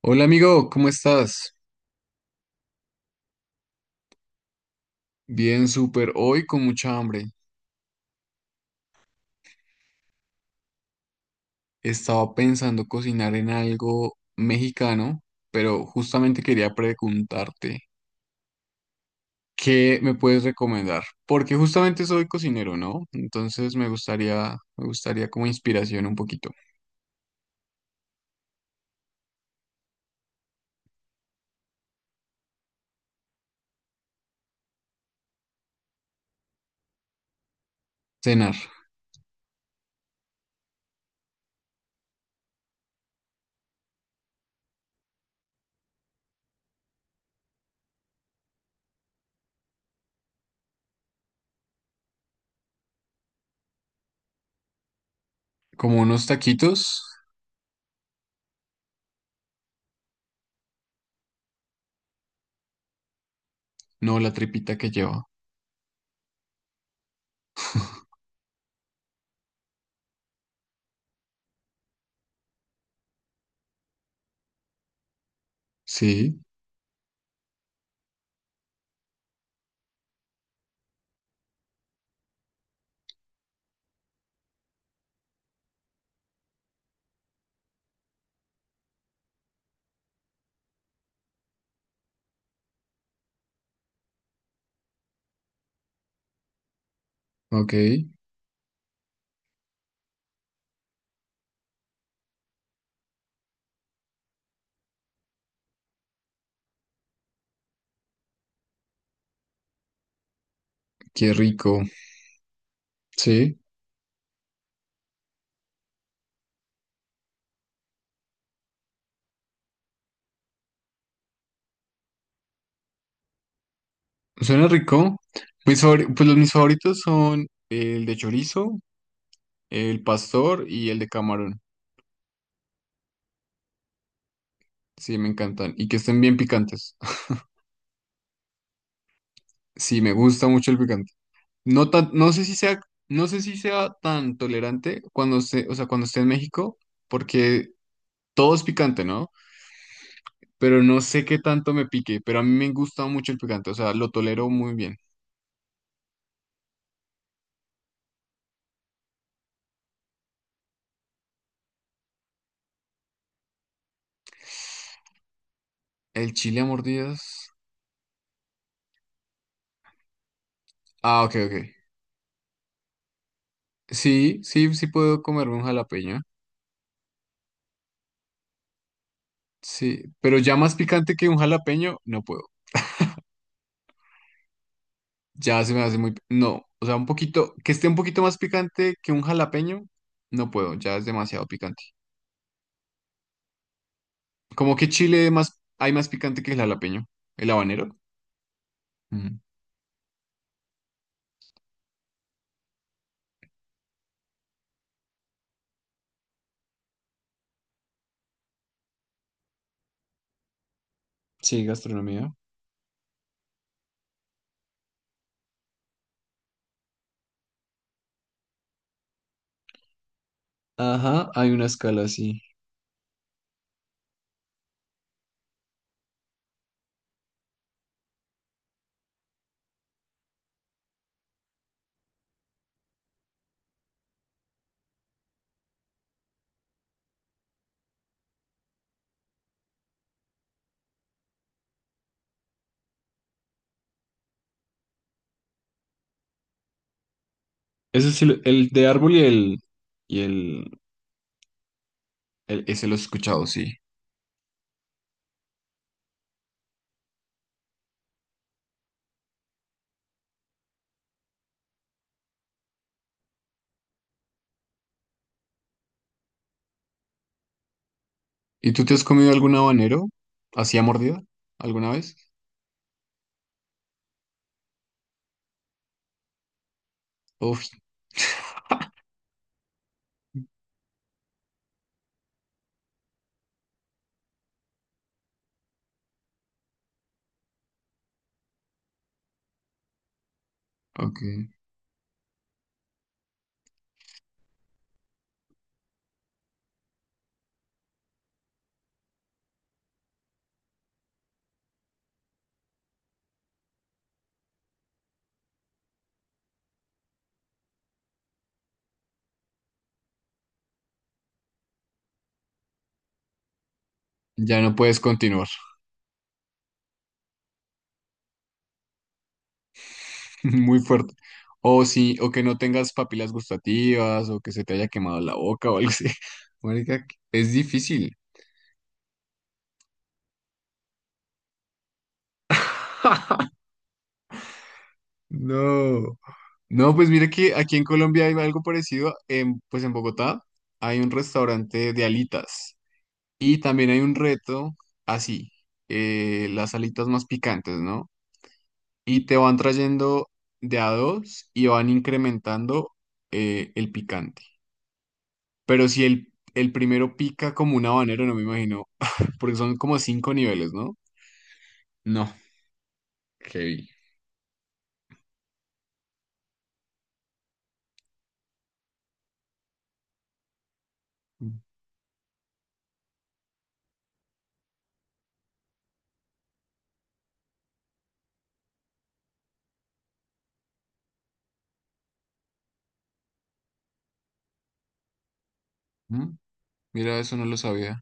Hola amigo, ¿cómo estás? Bien, súper. Hoy con mucha hambre. Estaba pensando cocinar en algo mexicano, pero justamente quería preguntarte, ¿qué me puedes recomendar? Porque justamente soy cocinero, ¿no? Entonces me gustaría como inspiración un poquito. Cenar, como unos taquitos, no la tripita que lleva. Sí, ok, qué rico. Sí, suena rico. Pues los mis favoritos son el de chorizo, el pastor y el de camarón. Sí, me encantan. Y que estén bien picantes. Sí, me gusta mucho el picante. No tan, no sé si sea, no sé si sea tan tolerante cuando esté, o sea, cuando esté en México, porque todo es picante, ¿no? Pero no sé qué tanto me pique, pero a mí me gusta mucho el picante, o sea, lo tolero muy bien. ¿El chile a mordidas? Ah, ok, ok. Sí, sí, sí puedo comerme un jalapeño. Sí, pero ya más picante que un jalapeño, no puedo. Ya se me hace muy... No, o sea, un poquito, que esté un poquito más picante que un jalapeño, no puedo, ya es demasiado picante. Como que chile más, hay más picante que el jalapeño, el habanero. Ujú. Sí, gastronomía. Ajá, hay una escala así. Eso sí, el de árbol y ese lo he escuchado, sí. ¿Y tú te has comido algún habanero? ¿Así a mordida? ¿Alguna vez? Uf, ok. Ya no puedes continuar. Muy fuerte. O sí, o que no tengas papilas gustativas, o que se te haya quemado la boca o algo así. Marica, es difícil. No. No, pues mira que aquí en Colombia hay algo parecido. Pues en Bogotá hay un restaurante de alitas. Y también hay un reto así, las alitas más picantes, ¿no? Y te van trayendo de a dos y van incrementando el picante. Pero si el primero pica como un habanero, no me imagino, porque son como cinco niveles, ¿no? No, heavy. Ujú. Mira, eso no lo sabía.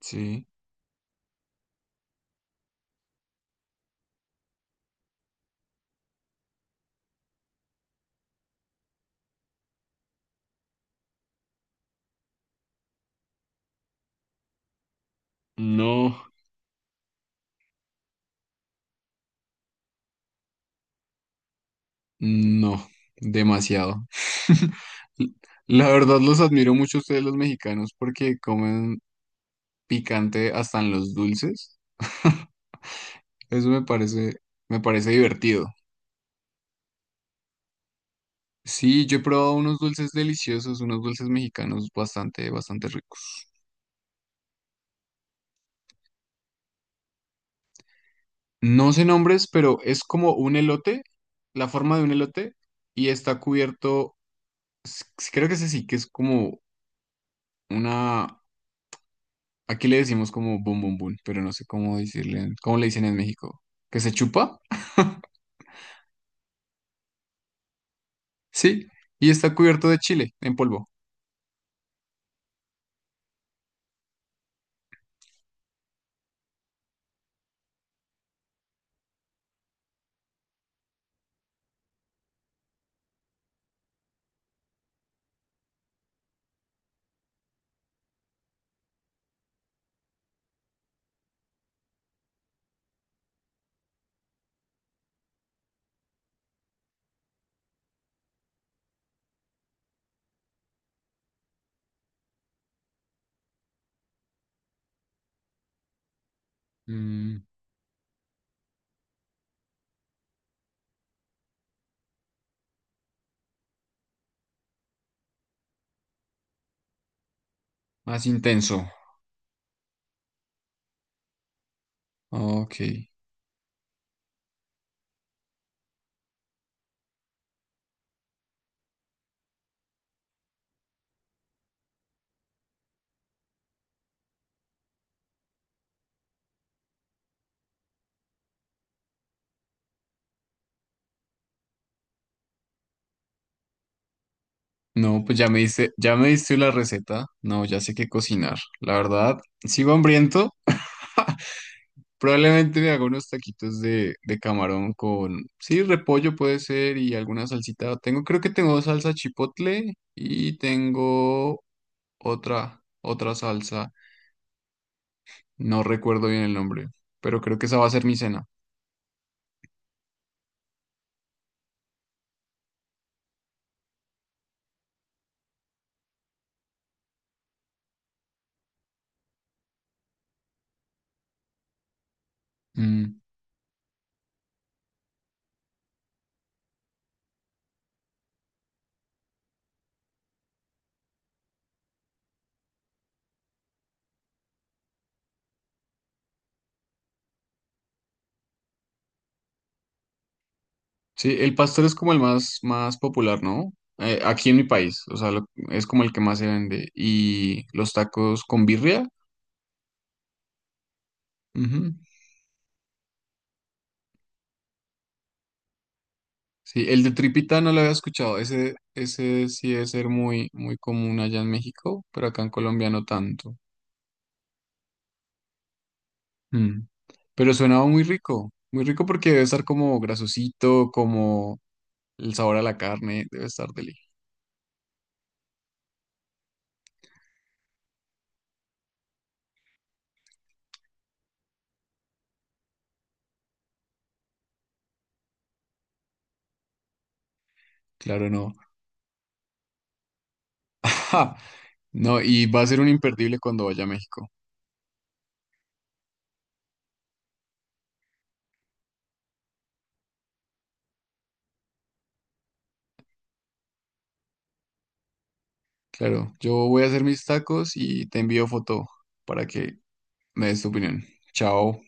Sí. No, no, demasiado. La verdad los admiro mucho a ustedes los mexicanos porque comen picante hasta en los dulces. Eso me parece divertido. Sí, yo he probado unos dulces deliciosos, unos dulces mexicanos bastante, bastante ricos. No sé nombres, pero es como un elote, la forma de un elote, y está cubierto, creo que ese sí, que es como una, aquí le decimos como bum bum bum, pero no sé cómo decirle, cómo le dicen en México, que se chupa, sí, y está cubierto de chile en polvo. Mm, más intenso, ok. No, pues ya me diste la receta, no, ya sé qué cocinar, la verdad, sigo hambriento. Probablemente me haga unos taquitos de camarón con, sí, repollo puede ser y alguna salsita. Tengo, creo que tengo salsa chipotle y tengo otra salsa. No recuerdo bien el nombre, pero creo que esa va a ser mi cena. Mm. Sí, el pastor es como el más, más popular, ¿no? Aquí en mi país, o sea, es como el que más se vende. Y los tacos con birria. Ujú. Sí, el de tripita no lo había escuchado. Ese sí debe ser muy, muy común allá en México, pero acá en Colombia no tanto. Mm. Pero sonaba muy rico porque debe estar como grasosito, como el sabor a la carne, debe estar deli. Claro, no. No, y va a ser un imperdible cuando vaya a México. Claro, yo voy a hacer mis tacos y te envío foto para que me des tu opinión. Chao.